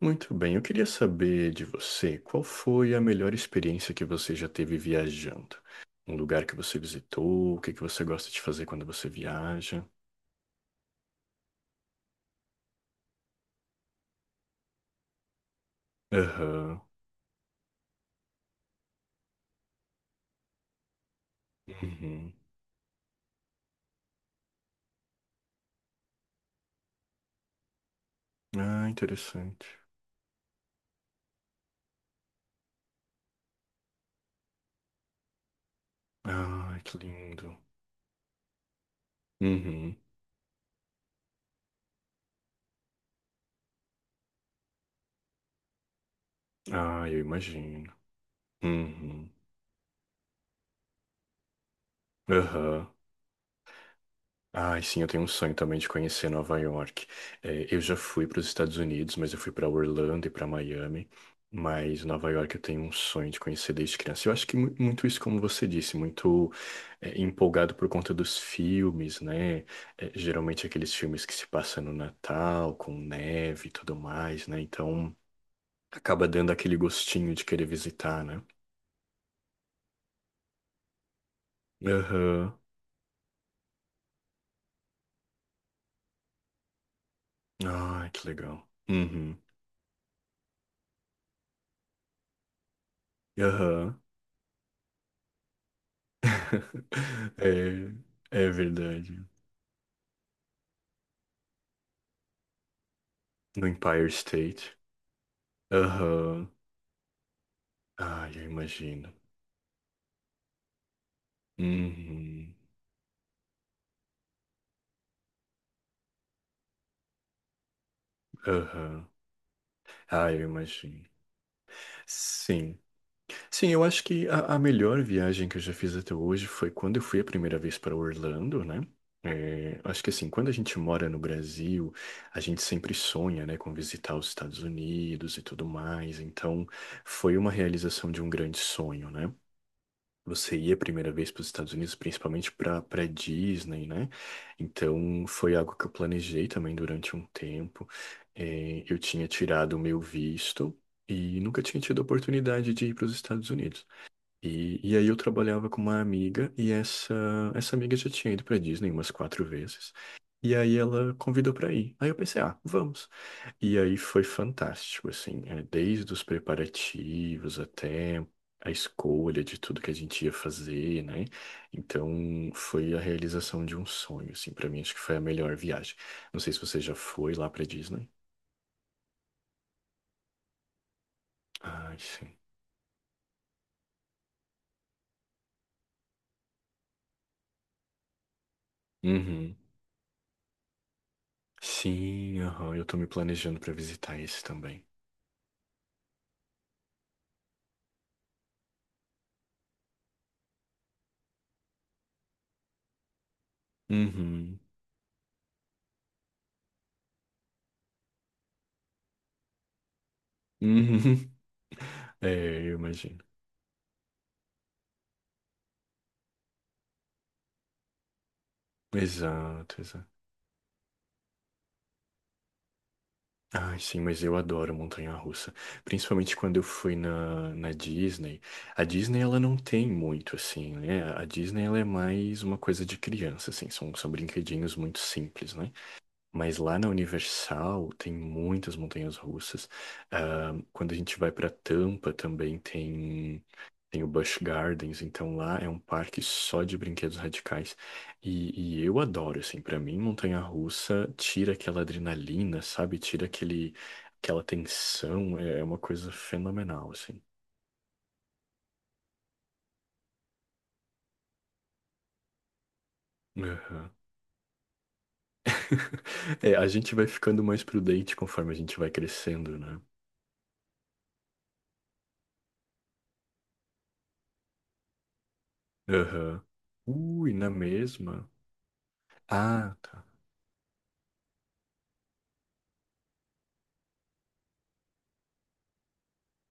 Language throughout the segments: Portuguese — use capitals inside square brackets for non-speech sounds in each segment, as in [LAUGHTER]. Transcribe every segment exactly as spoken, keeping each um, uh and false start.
Muito bem, eu queria saber de você, qual foi a melhor experiência que você já teve viajando? Um lugar que você visitou, o que que você gosta de fazer quando você viaja? Aham. Uhum. Ah, interessante. Ah, que lindo. Uhum. Ah, eu imagino. Uhum. Aham. Ai, sim, eu tenho um sonho também de conhecer Nova York. É, eu já fui para os Estados Unidos, mas eu fui para Orlando e para Miami. Mas Nova York eu tenho um sonho de conhecer desde criança. Eu acho que mu- muito isso, como você disse, muito é, empolgado por conta dos filmes, né? É, geralmente aqueles filmes que se passam no Natal, com neve e tudo mais, né? Então acaba dando aquele gostinho de querer visitar, né? Aham. Ai, que legal. Uhum. Aham. [LAUGHS] É, é verdade. No Empire State. Aham. Ah, eu imagino. Uhum. Aham. Ah, eu imagino. Sim. Sim, eu acho que a, a melhor viagem que eu já fiz até hoje foi quando eu fui a primeira vez para Orlando, né? É, acho que assim, quando a gente mora no Brasil, a gente sempre sonha, né, com visitar os Estados Unidos e tudo mais. Então, foi uma realização de um grande sonho, né? Você ia a primeira vez para os Estados Unidos, principalmente para para Disney, né? Então foi algo que eu planejei também durante um tempo. Eh, eu tinha tirado o meu visto e nunca tinha tido a oportunidade de ir para os Estados Unidos. E, e aí eu trabalhava com uma amiga e essa essa amiga já tinha ido para Disney umas quatro vezes. E aí ela convidou para ir. Aí eu pensei, ah, vamos. E aí foi fantástico, assim, é, desde os preparativos até a escolha de tudo que a gente ia fazer, né? Então foi a realização de um sonho, assim, para mim acho que foi a melhor viagem. Não sei se você já foi lá para Disney. Ai, sim. Uhum. Sim, aham, eu tô me planejando para visitar esse também. Uhum. Uhum. [LAUGHS] É, eu imagino. Exato, exato. Ai, sim, mas eu adoro montanha-russa. Principalmente quando eu fui na, na Disney. A Disney, ela não tem muito, assim, né? A Disney, ela é mais uma coisa de criança, assim. São, são brinquedinhos muito simples, né? Mas lá na Universal tem muitas montanhas russas. Ah, quando a gente vai para Tampa também tem, tem o Busch Gardens. Então lá é um parque só de brinquedos radicais. E, e eu adoro, assim. Para mim, montanha russa tira aquela adrenalina, sabe? Tira aquele, aquela tensão. É é uma coisa fenomenal, assim. Aham. [LAUGHS] É, a gente vai ficando mais prudente conforme a gente vai crescendo, né? Aham. Ui, na mesma. Ah, tá.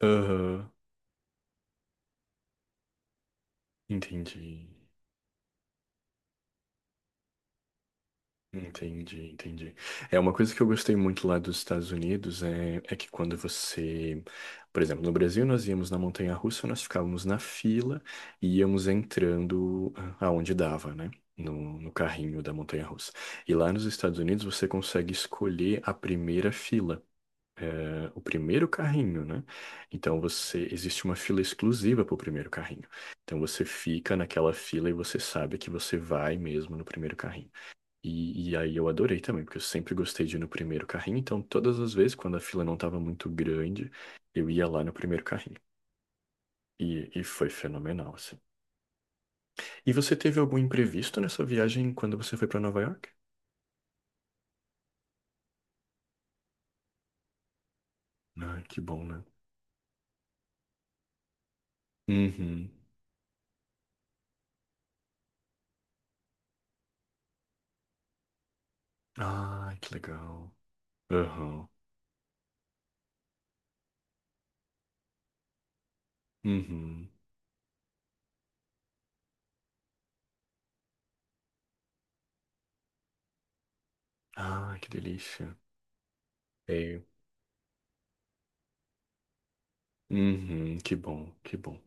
Aham. Entendi. Entendi, entendi. É uma coisa que eu gostei muito lá dos Estados Unidos é, é que quando você, por exemplo, no Brasil nós íamos na montanha-russa, nós ficávamos na fila e íamos entrando aonde dava, né? No, no carrinho da montanha-russa. E lá nos Estados Unidos você consegue escolher a primeira fila. É, o primeiro carrinho, né? Então você existe uma fila exclusiva para o primeiro carrinho. Então você fica naquela fila e você sabe que você vai mesmo no primeiro carrinho. E, e aí eu adorei também, porque eu sempre gostei de ir no primeiro carrinho. Então todas as vezes quando a fila não estava muito grande, eu ia lá no primeiro carrinho. E, e foi fenomenal, assim. E você teve algum imprevisto nessa viagem quando você foi para Nova York? Ah, que bom, né? Uhum. Ah, que legal. Aham. Uhum. Ah, que delícia. É. Uhum, que bom, que bom.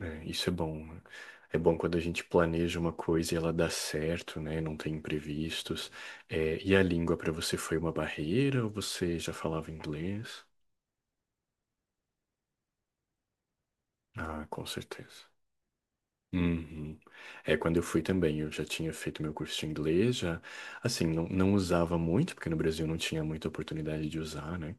É, isso é bom, né? É bom quando a gente planeja uma coisa e ela dá certo, né? Não tem imprevistos. É, e a língua para você foi uma barreira ou você já falava inglês? Ah, com certeza. Uhum. É, quando eu fui também, eu já tinha feito meu curso de inglês, já, assim, não, não usava muito, porque no Brasil não tinha muita oportunidade de usar, né?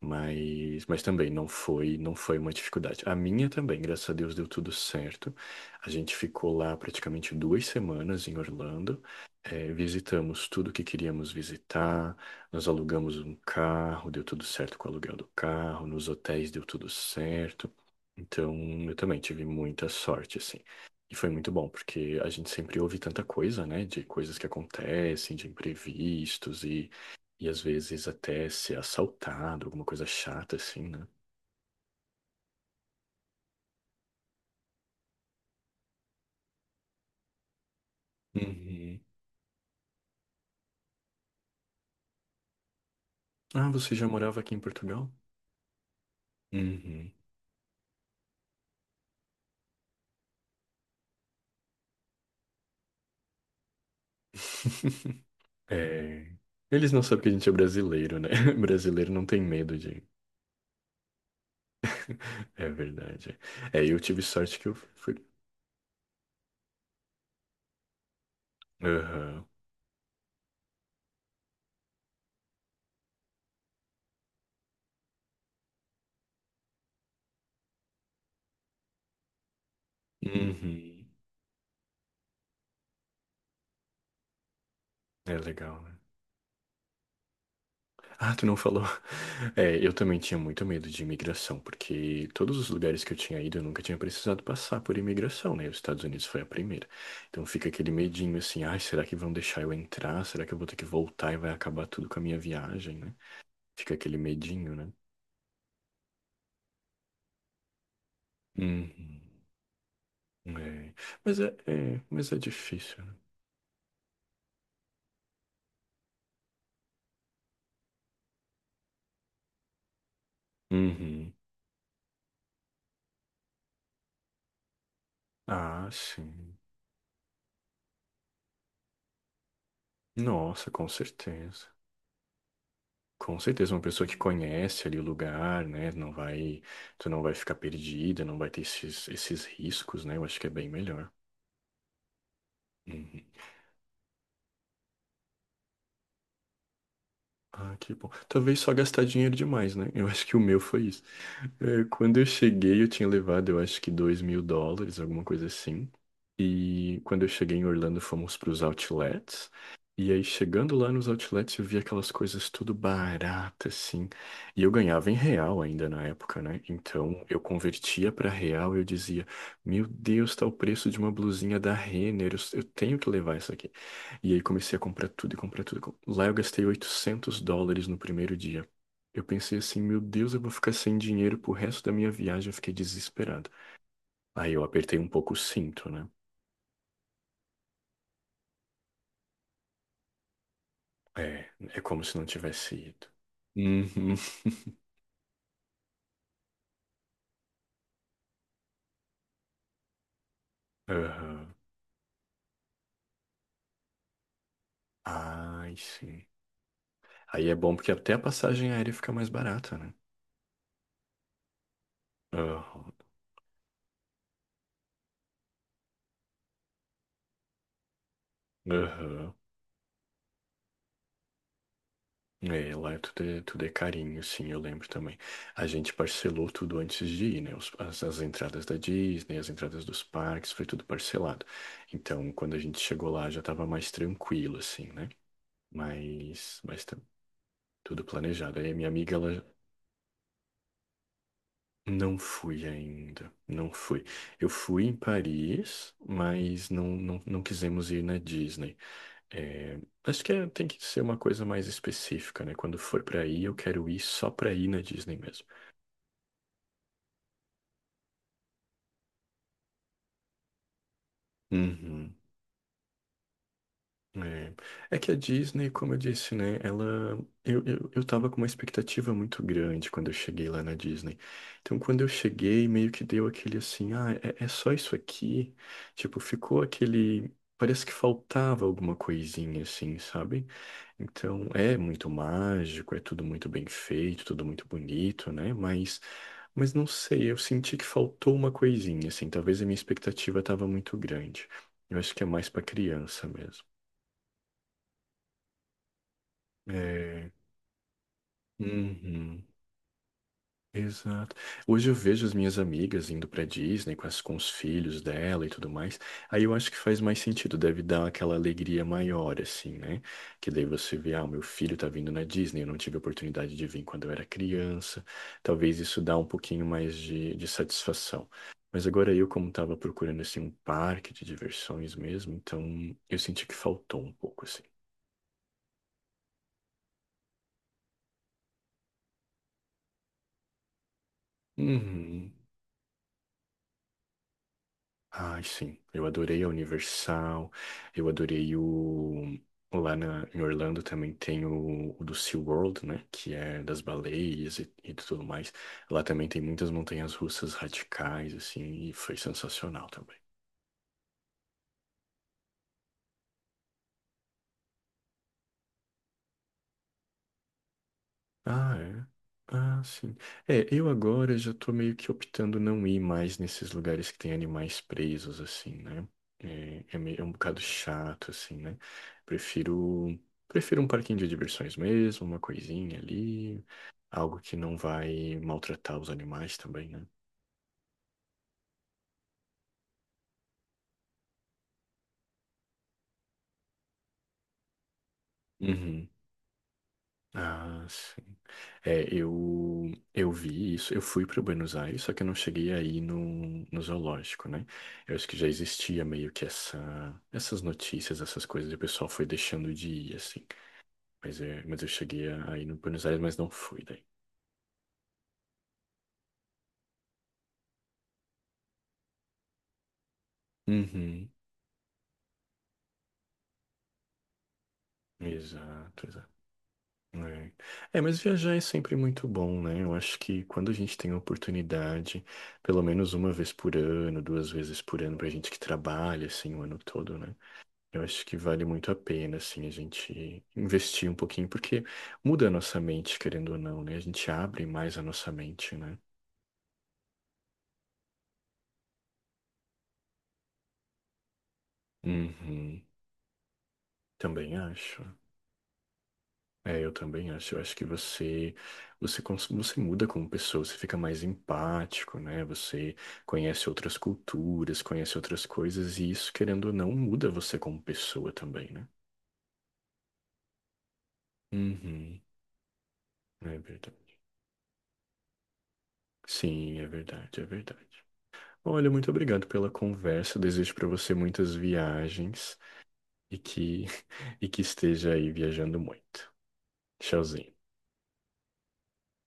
Mas, mas também não foi, não foi uma dificuldade. A minha também, graças a Deus, deu tudo certo. A gente ficou lá praticamente duas semanas em Orlando, eh, visitamos tudo que queríamos visitar, nós alugamos um carro, deu tudo certo com o aluguel do carro, nos hotéis deu tudo certo. Então, eu também tive muita sorte, assim. E foi muito bom, porque a gente sempre ouve tanta coisa, né? De coisas que acontecem, de imprevistos e, e às vezes até ser assaltado, alguma coisa chata assim, né? Uhum. Ah, você já morava aqui em Portugal? Uhum. [LAUGHS] É... Eles não sabem que a gente é brasileiro, né? [LAUGHS] Brasileiro não tem medo de. [LAUGHS] É verdade. É, eu tive sorte que eu fui. Aham. Uhum. É legal, né? Ah, tu não falou. É, eu também tinha muito medo de imigração, porque todos os lugares que eu tinha ido, eu nunca tinha precisado passar por imigração, né? Os Estados Unidos foi a primeira. Então fica aquele medinho assim, ai, será que vão deixar eu entrar? Será que eu vou ter que voltar e vai acabar tudo com a minha viagem, né? Fica aquele medinho, né? Uhum. É. Mas é, é, mas é difícil, né? Uhum. Ah, sim. Nossa, com certeza. Com certeza, uma pessoa que conhece ali o lugar, né? Não vai, tu não vai ficar perdida, não vai ter esses, esses riscos, né? Eu acho que é bem melhor. Uhum. Ah, que bom. Talvez só gastar dinheiro demais, né? Eu acho que o meu foi isso. É, quando eu cheguei, eu tinha levado, eu acho que dois mil dólares, alguma coisa assim. E quando eu cheguei em Orlando, fomos para os outlets. E aí, chegando lá nos outlets, eu vi aquelas coisas tudo barata, assim. E eu ganhava em real ainda na época, né? Então, eu convertia para real e eu dizia: Meu Deus, tá o preço de uma blusinha da Renner, eu, eu tenho que levar isso aqui. E aí, comecei a comprar tudo e comprar tudo. Lá, eu gastei oitocentos dólares no primeiro dia. Eu pensei assim, meu Deus, eu vou ficar sem dinheiro pro resto da minha viagem. Eu fiquei desesperado. Aí eu apertei um pouco o cinto, né? É, é como se não tivesse ido. Uhum. [LAUGHS] Aham. Ai, sim. Aí é bom porque até a passagem aérea fica mais barata, né? Aham. Aham. É, lá é tudo, é, tudo é carinho, sim, eu lembro também. A gente parcelou tudo antes de ir, né? Os- as, as entradas da Disney, as entradas dos parques, foi tudo parcelado. Então, quando a gente chegou lá, já estava mais tranquilo, assim, né? Mas, mas tá tudo planejado. Aí a minha amiga, ela não fui ainda, não fui. Eu fui em Paris, mas não, não, não quisemos ir na Disney. É, Acho que é- tem que ser uma coisa mais específica, né? Quando for para ir, eu quero ir só para ir na Disney mesmo. Uhum. É, é que a Disney, como eu disse, né, ela, eu, eu, eu tava com uma expectativa muito grande quando eu cheguei lá na Disney. Então, quando eu cheguei, meio que deu aquele assim, ah, é, é só isso aqui? Tipo, ficou aquele, parece que faltava alguma coisinha, assim, sabe? Então, é muito mágico, é tudo muito bem feito, tudo muito bonito, né? Mas, mas não sei, eu senti que faltou uma coisinha, assim, talvez a minha expectativa tava muito grande. Eu acho que é mais pra criança mesmo. É, uhum, exato. Hoje eu vejo as minhas amigas indo pra Disney com, as, com os filhos dela e tudo mais. Aí eu acho que faz mais sentido, deve dar aquela alegria maior, assim, né? Que daí você vê, ah, o meu filho tá vindo na Disney, eu não tive a oportunidade de vir quando eu era criança. Talvez isso dá um pouquinho mais de, de satisfação. Mas agora eu, como tava procurando, assim, um parque de diversões mesmo, então eu senti que faltou um pouco, assim. Uhum. Ai, sim. Eu adorei a Universal. Eu adorei o. Lá na, em Orlando também tem o, o do SeaWorld, né? Que é das baleias e, e tudo mais. Lá também tem muitas montanhas russas radicais, assim, e foi sensacional também. Ah, é. Ah, sim. É, eu agora já tô meio que optando não ir mais nesses lugares que tem animais presos, assim, né? É, é, meio, é um bocado chato, assim, né? Prefiro, prefiro um parquinho de diversões mesmo, uma coisinha ali, algo que não vai maltratar os animais também, né? Uhum. Ah, sim. É, eu, eu vi isso, eu fui para Buenos Aires, só que eu não cheguei aí no, no zoológico, né? Eu acho que já existia meio que essa, essas notícias, essas coisas, e o pessoal foi deixando de ir, assim. Mas, é, mas eu cheguei aí no Buenos Aires, mas não fui daí. Uhum, exato, exato. É. É, mas viajar é sempre muito bom, né? Eu acho que quando a gente tem a oportunidade, pelo menos uma vez por ano, duas vezes por ano, pra gente que trabalha, assim, o ano todo, né? Eu acho que vale muito a pena, assim, a gente investir um pouquinho, porque muda a nossa mente, querendo ou não, né? A gente abre mais a nossa mente, né? Uhum, também acho. É, eu também acho. Eu acho que você, você, cons- você muda como pessoa, você fica mais empático, né? Você conhece outras culturas, conhece outras coisas, e isso, querendo ou não, muda você como pessoa também, né? Uhum, é verdade. Sim, é verdade, é verdade. Olha, muito obrigado pela conversa. Eu Desejo para você muitas viagens e que [LAUGHS] e que esteja aí viajando muito. Tchauzinho.